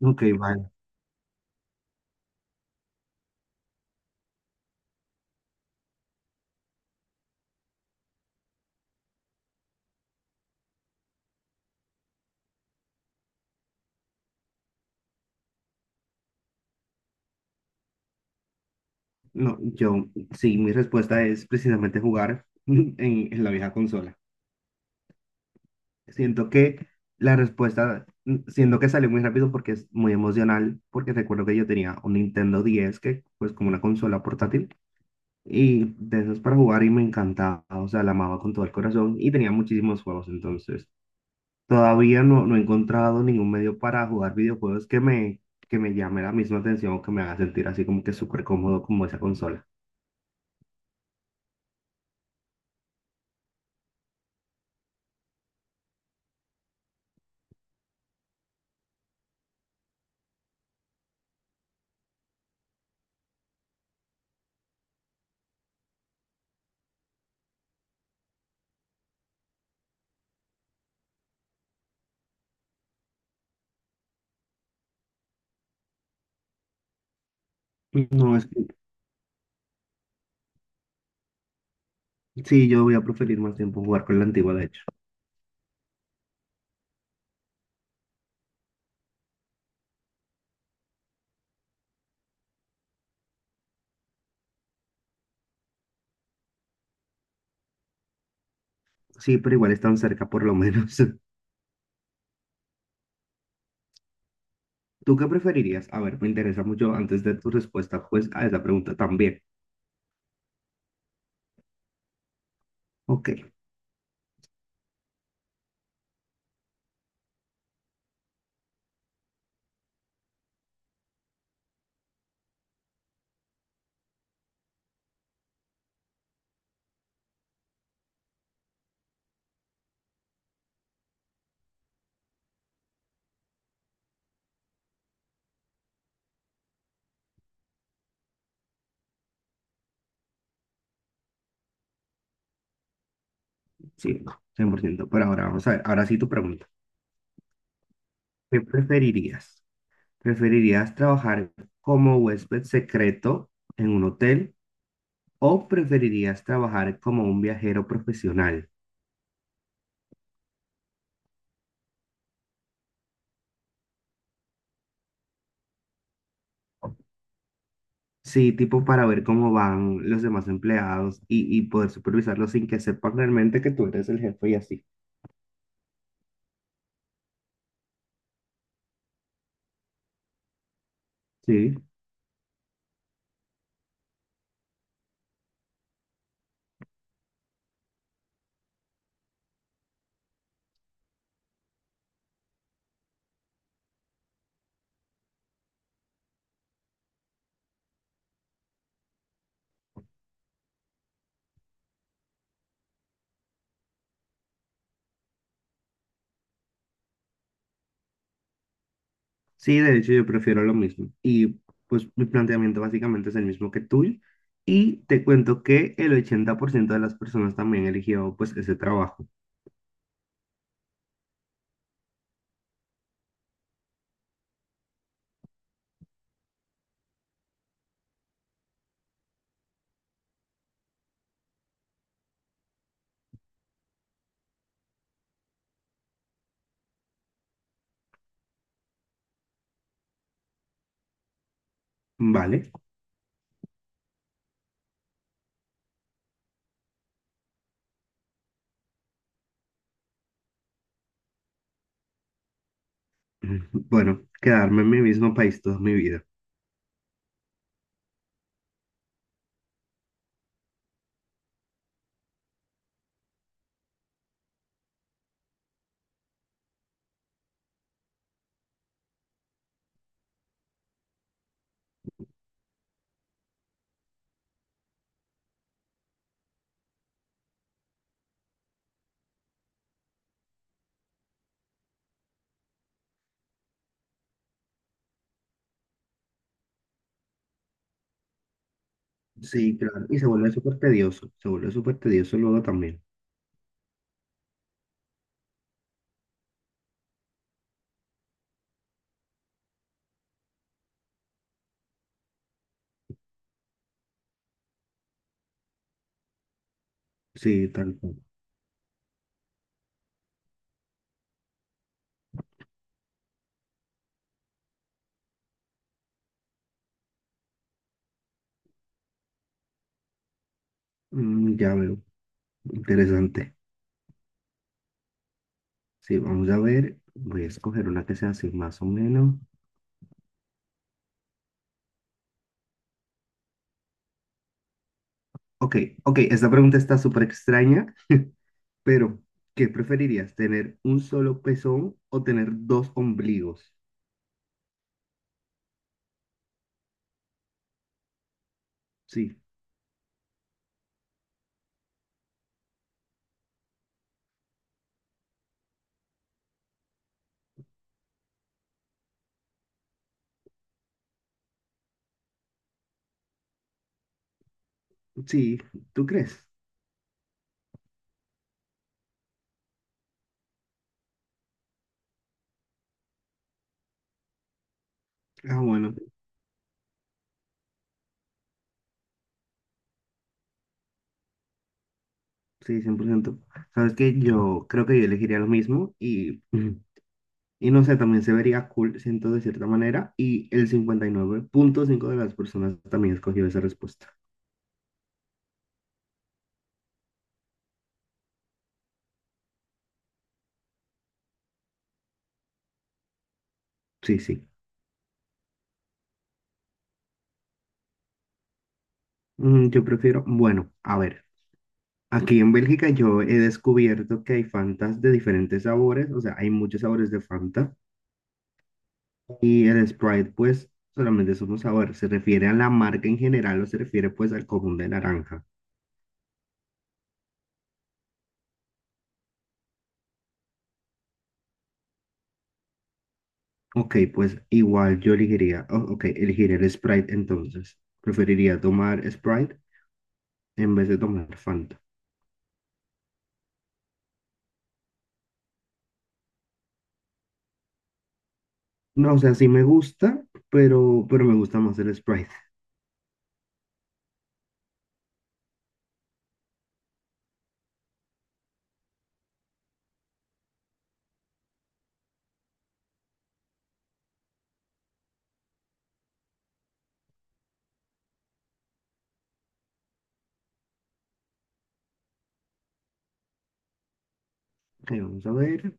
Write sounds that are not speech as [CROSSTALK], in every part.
Ok, vale. No, sí, mi respuesta es precisamente jugar [LAUGHS] en la vieja consola. Siento que la respuesta, siento que salió muy rápido porque es muy emocional, porque recuerdo que yo tenía un Nintendo 10, que pues como una consola portátil, y de esos para jugar y me encantaba, o sea, la amaba con todo el corazón y tenía muchísimos juegos, entonces todavía no, no he encontrado ningún medio para jugar videojuegos que me llame la misma atención o que me haga sentir así como que súper cómodo como esa consola. No, es que sí, yo voy a preferir más tiempo jugar con la antigua, de hecho. Sí, pero igual están cerca por lo menos. [LAUGHS] ¿Tú qué preferirías? A ver, me interesa mucho antes de tu respuesta, pues, a esa pregunta también. Ok, sí, no, 100%. Pero ahora vamos a ver, ahora sí tu pregunta. ¿Qué preferirías? ¿Preferirías trabajar como huésped secreto en un hotel o preferirías trabajar como un viajero profesional? Sí, tipo para ver cómo van los demás empleados y poder supervisarlos sin que sepan realmente que tú eres el jefe y así. Sí, sí, de hecho yo prefiero lo mismo. Y pues mi planteamiento básicamente es el mismo que tuyo. Y te cuento que el 80% de las personas también eligió pues ese trabajo, ¿vale? [LAUGHS] Bueno, quedarme en mi mismo país toda mi vida. Sí, claro. Y se vuelve súper tedioso, se vuelve súper tedioso luego también. Sí, tal cual. Mm, ya veo, interesante. Sí, vamos a ver. Voy a escoger una que sea así más o menos. Ok, ok, esta pregunta está súper extraña. Pero, ¿qué preferirías? ¿Tener un solo pezón o tener dos ombligos? Sí, sí, ¿tú crees? Ah, bueno, sí, 100%. Sabes que yo creo que yo elegiría lo mismo y, [LAUGHS] y no sé, también se vería cool, siento de cierta manera, y el 59,5 de las personas también escogió esa respuesta. Sí, sí. Mm, yo prefiero, bueno, a ver, aquí en Bélgica yo he descubierto que hay Fantas de diferentes sabores, o sea, hay muchos sabores de Fanta. Y el Sprite, pues, solamente es un sabor. ¿Se refiere a la marca en general o se refiere, pues, al común de naranja? Ok, pues, igual yo elegiría, oh, ok, elegiría el Sprite entonces. Preferiría tomar Sprite en vez de tomar Fanta. No, o sea, sí me gusta, pero me gusta más el Sprite. Ok, vamos a ver.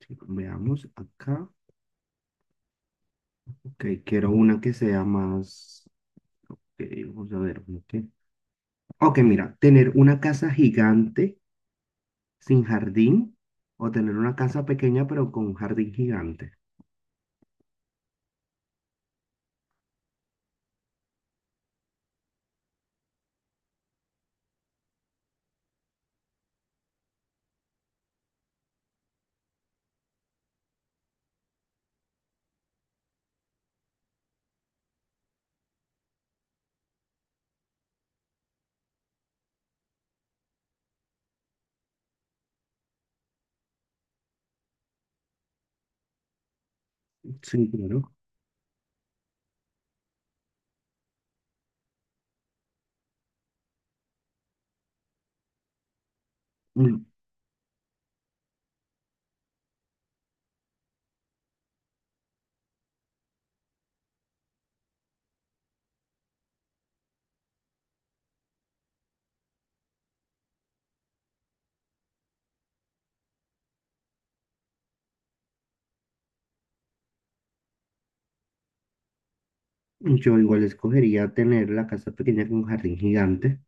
Sí, veamos acá. Ok, quiero una que sea más... ok, vamos a ver. Ok, mira, tener una casa gigante sin jardín o tener una casa pequeña pero con un jardín gigante. Sí, claro. Mm, yo igual escogería tener la casa pequeña con un jardín gigante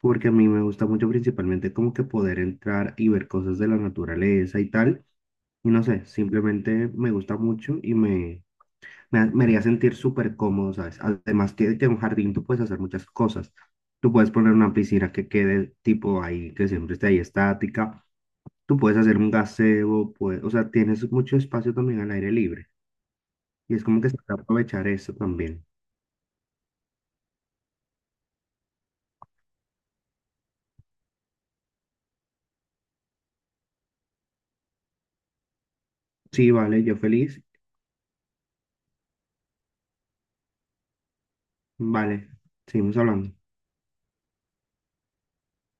porque a mí me gusta mucho principalmente como que poder entrar y ver cosas de la naturaleza y tal. Y no sé, simplemente me gusta mucho y me haría sentir súper cómodo, ¿sabes? Además que en un jardín tú puedes hacer muchas cosas. Tú puedes poner una piscina que quede tipo ahí, que siempre esté ahí estática. Tú puedes hacer un gazebo, pues, o sea, tienes mucho espacio también al aire libre. Y es como que se puede aprovechar eso también. Sí, vale, yo feliz. Vale, seguimos hablando.